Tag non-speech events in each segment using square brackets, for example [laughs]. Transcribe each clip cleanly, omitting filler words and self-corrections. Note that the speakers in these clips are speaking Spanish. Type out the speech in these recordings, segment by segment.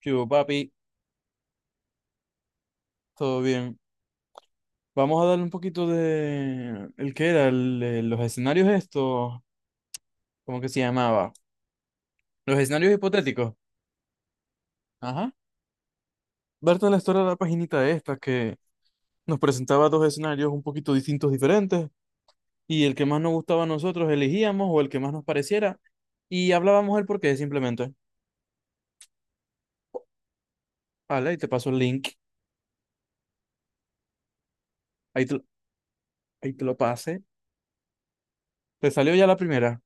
¿Qué hubo, papi? Todo bien. Vamos a darle un poquito de... ¿El qué era? Los escenarios estos. ¿Cómo que se llamaba? Los escenarios hipotéticos. Ajá. Berta la historia de la paginita esta que nos presentaba dos escenarios un poquito distintos, diferentes, y el que más nos gustaba a nosotros elegíamos o el que más nos pareciera, y hablábamos el porqué simplemente. Vale, y te paso el link. Ahí te, lo- ahí te lo pasé. ¿Te salió ya la primera?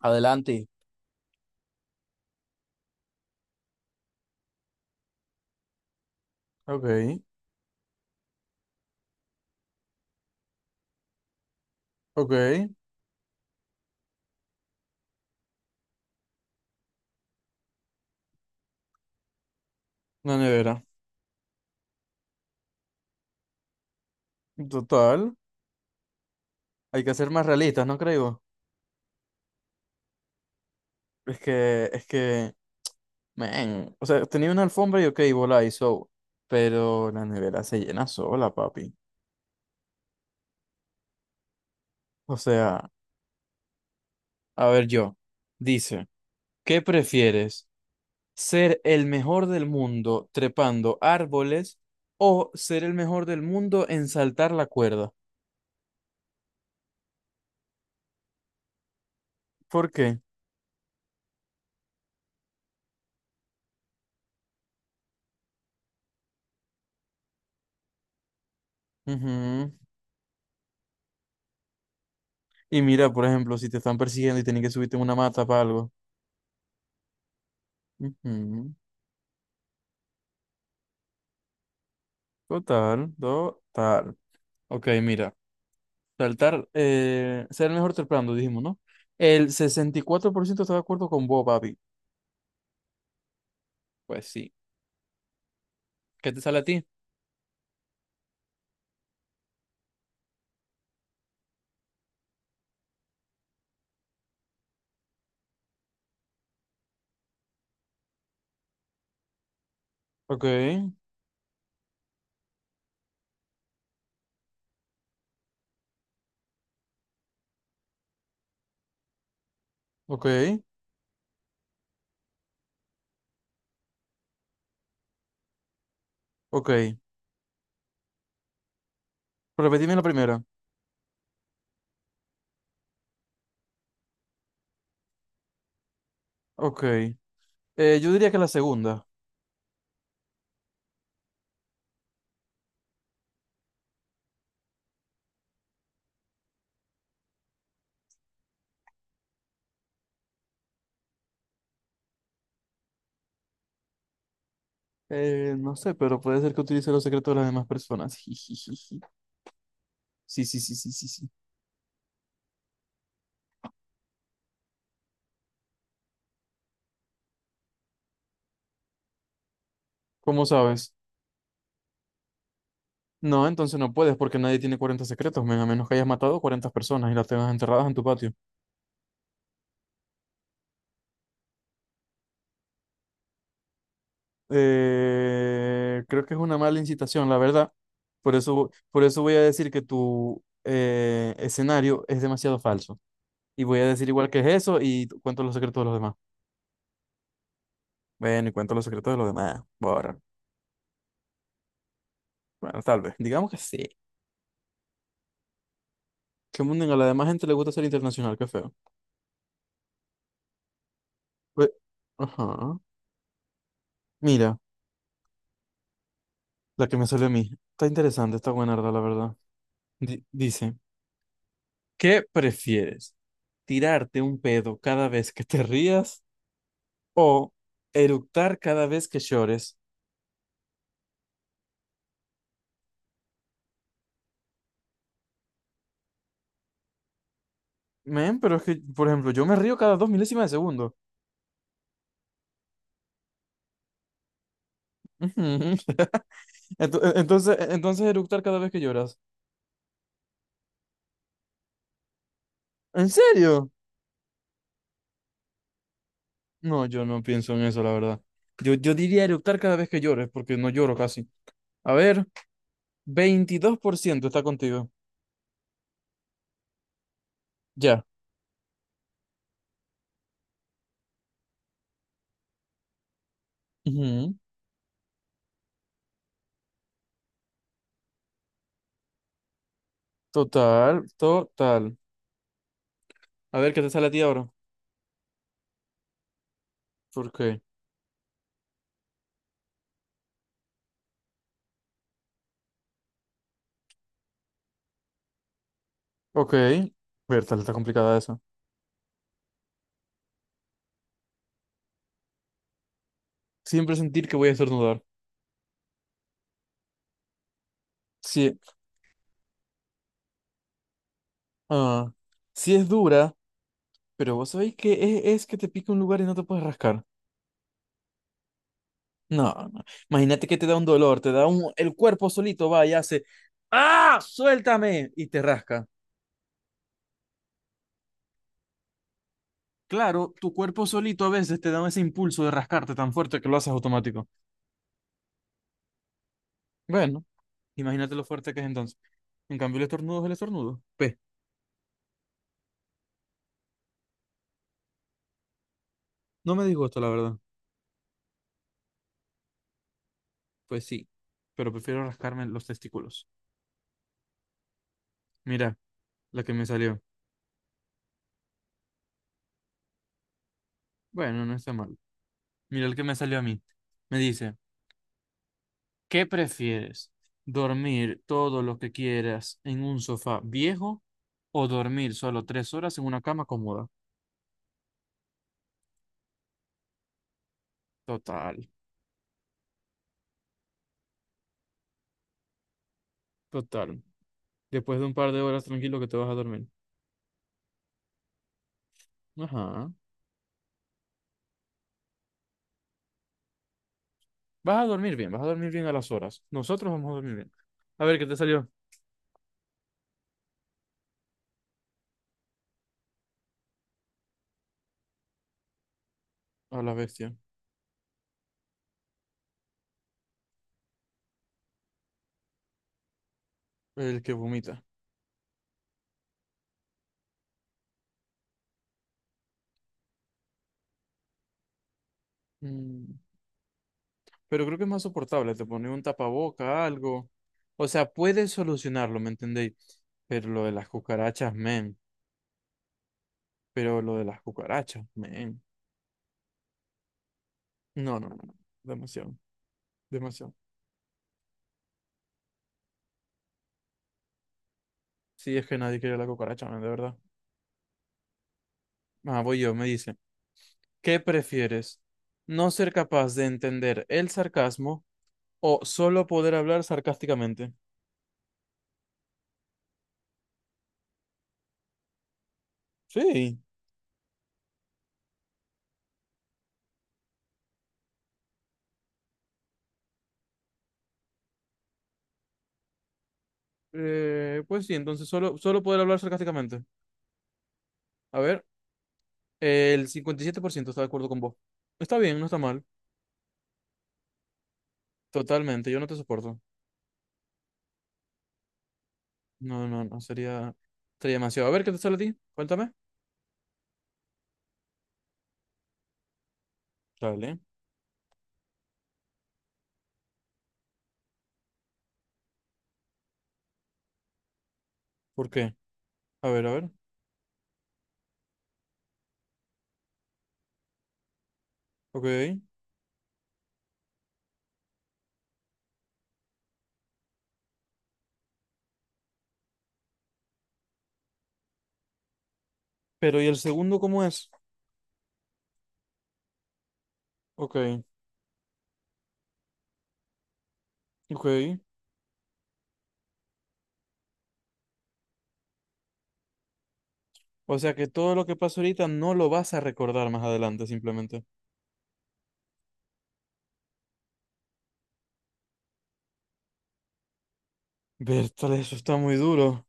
Adelante. Ok, ok. Una nevera. Total. Hay que ser más realistas, ¿no creo? Es que, man, o sea, tenía una alfombra y ok, volá y so, pero la nevera se llena sola, papi. O sea, a ver yo, dice, ¿qué prefieres? ¿Ser el mejor del mundo trepando árboles o ser el mejor del mundo en saltar la cuerda? ¿Por qué? Ujú. Y mira, por ejemplo, si te están persiguiendo y tienen que subirte en una mata para algo. Ujú. Total, total. Ok, mira. Saltar, ser el mejor trepando, dijimos, ¿no? El 64% está de acuerdo con vos, papi. Pues sí. ¿Qué te sale a ti? Ok, ok, ok. Repetime la primera. Ok. Yo diría que la segunda. No sé, pero puede ser que utilice los secretos de las demás personas. [laughs] Jijijiji. Sí, sí, sí, sí, sí, sí. ¿Cómo sabes? No, entonces no puedes porque nadie tiene 40 secretos, men, a menos que hayas matado 40 personas y las tengas enterradas en tu patio. Creo que es una mala incitación, la verdad. Por eso, voy a decir que tu escenario es demasiado falso. Y voy a decir igual que es eso y cuento los secretos de los demás. Bueno, y cuento los secretos de los demás. Borra. Bueno, tal vez. Digamos que sí. Que mundo a la demás gente le gusta ser internacional, qué feo. Pues, ajá. Mira, la que me salió a mí. Está interesante, está buena, la verdad. Dice, ¿qué prefieres? ¿Tirarte un pedo cada vez que te rías? ¿O eructar cada vez que llores? Men, pero es que, por ejemplo, yo me río cada 2 milésimas de segundo. Ujú. [laughs] Entonces, eructar cada vez que lloras. ¿En serio? No, yo no pienso en eso, la verdad. Yo diría eructar cada vez que llores, porque no lloro casi. A ver, 22% está contigo. Ya. Ujú. Total, total. A ver, ¿qué te sale a ti ahora? ¿Por qué? Ok. Bertal, está complicada esa. Siempre sentir que voy a estornudar. Sí. Ah, sí es dura, pero vos sabéis que es que te pica un lugar y no te puedes rascar. No, no. Imagínate que te da un dolor, te da un... El cuerpo solito va y hace... ¡Ah! ¡Suéltame! Y te rasca. Claro, tu cuerpo solito a veces te da ese impulso de rascarte tan fuerte que lo haces automático. Bueno, imagínate lo fuerte que es entonces. En cambio, el estornudo es el estornudo. P. No me digo esto, la verdad. Pues sí, pero prefiero rascarme los testículos. Mira, la que me salió. Bueno, no está mal. Mira el que me salió a mí. Me dice... ¿Qué prefieres? ¿Dormir todo lo que quieras en un sofá viejo o dormir solo 3 horas en una cama cómoda? Total, total. Después de un par de horas tranquilo que te vas a dormir. Ajá. Vas a dormir bien, vas a dormir bien a las horas. Nosotros vamos a dormir bien. A ver, ¿qué te salió? A la bestia. El que vomita. Mm, Pero creo que es más soportable. Te pone un tapaboca, algo. O sea, puedes solucionarlo, ¿me entendéis? Pero lo de las cucarachas, men. Pero lo de las cucarachas, men. No, no, no, no. Demasiado, demasiado. Sí, es que nadie quiere la cucaracha, man, de verdad. Ah, voy yo, me dice. ¿Qué prefieres? ¿No ser capaz de entender el sarcasmo o solo poder hablar sarcásticamente? Sí. Pues sí, entonces solo poder hablar sarcásticamente. A ver, el 57% está de acuerdo con vos. Está bien, no está mal. Totalmente, yo no te soporto. No, no, no, sería demasiado. A ver, ¿qué te sale a ti? Cuéntame. Dale. ¿Por qué? A ver, a ver. Ok. Pero, ¿y el segundo cómo es? Ok, ok. O sea que todo lo que pasó ahorita no lo vas a recordar más adelante, simplemente. Bertale, eso está muy duro.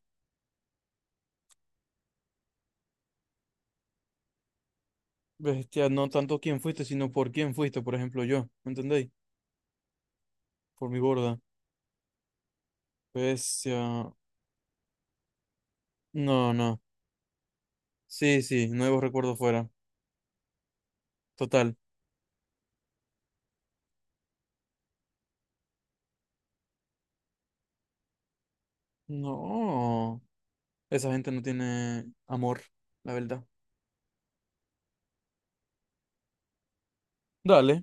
Bestia, no tanto quién fuiste, sino por quién fuiste, por ejemplo, yo. ¿Me entendéis? Por mi borda. Bestia. No, no. Sí, sí, nuevos recuerdos fuera. Total. No. Esa gente no tiene amor, la verdad. Dale.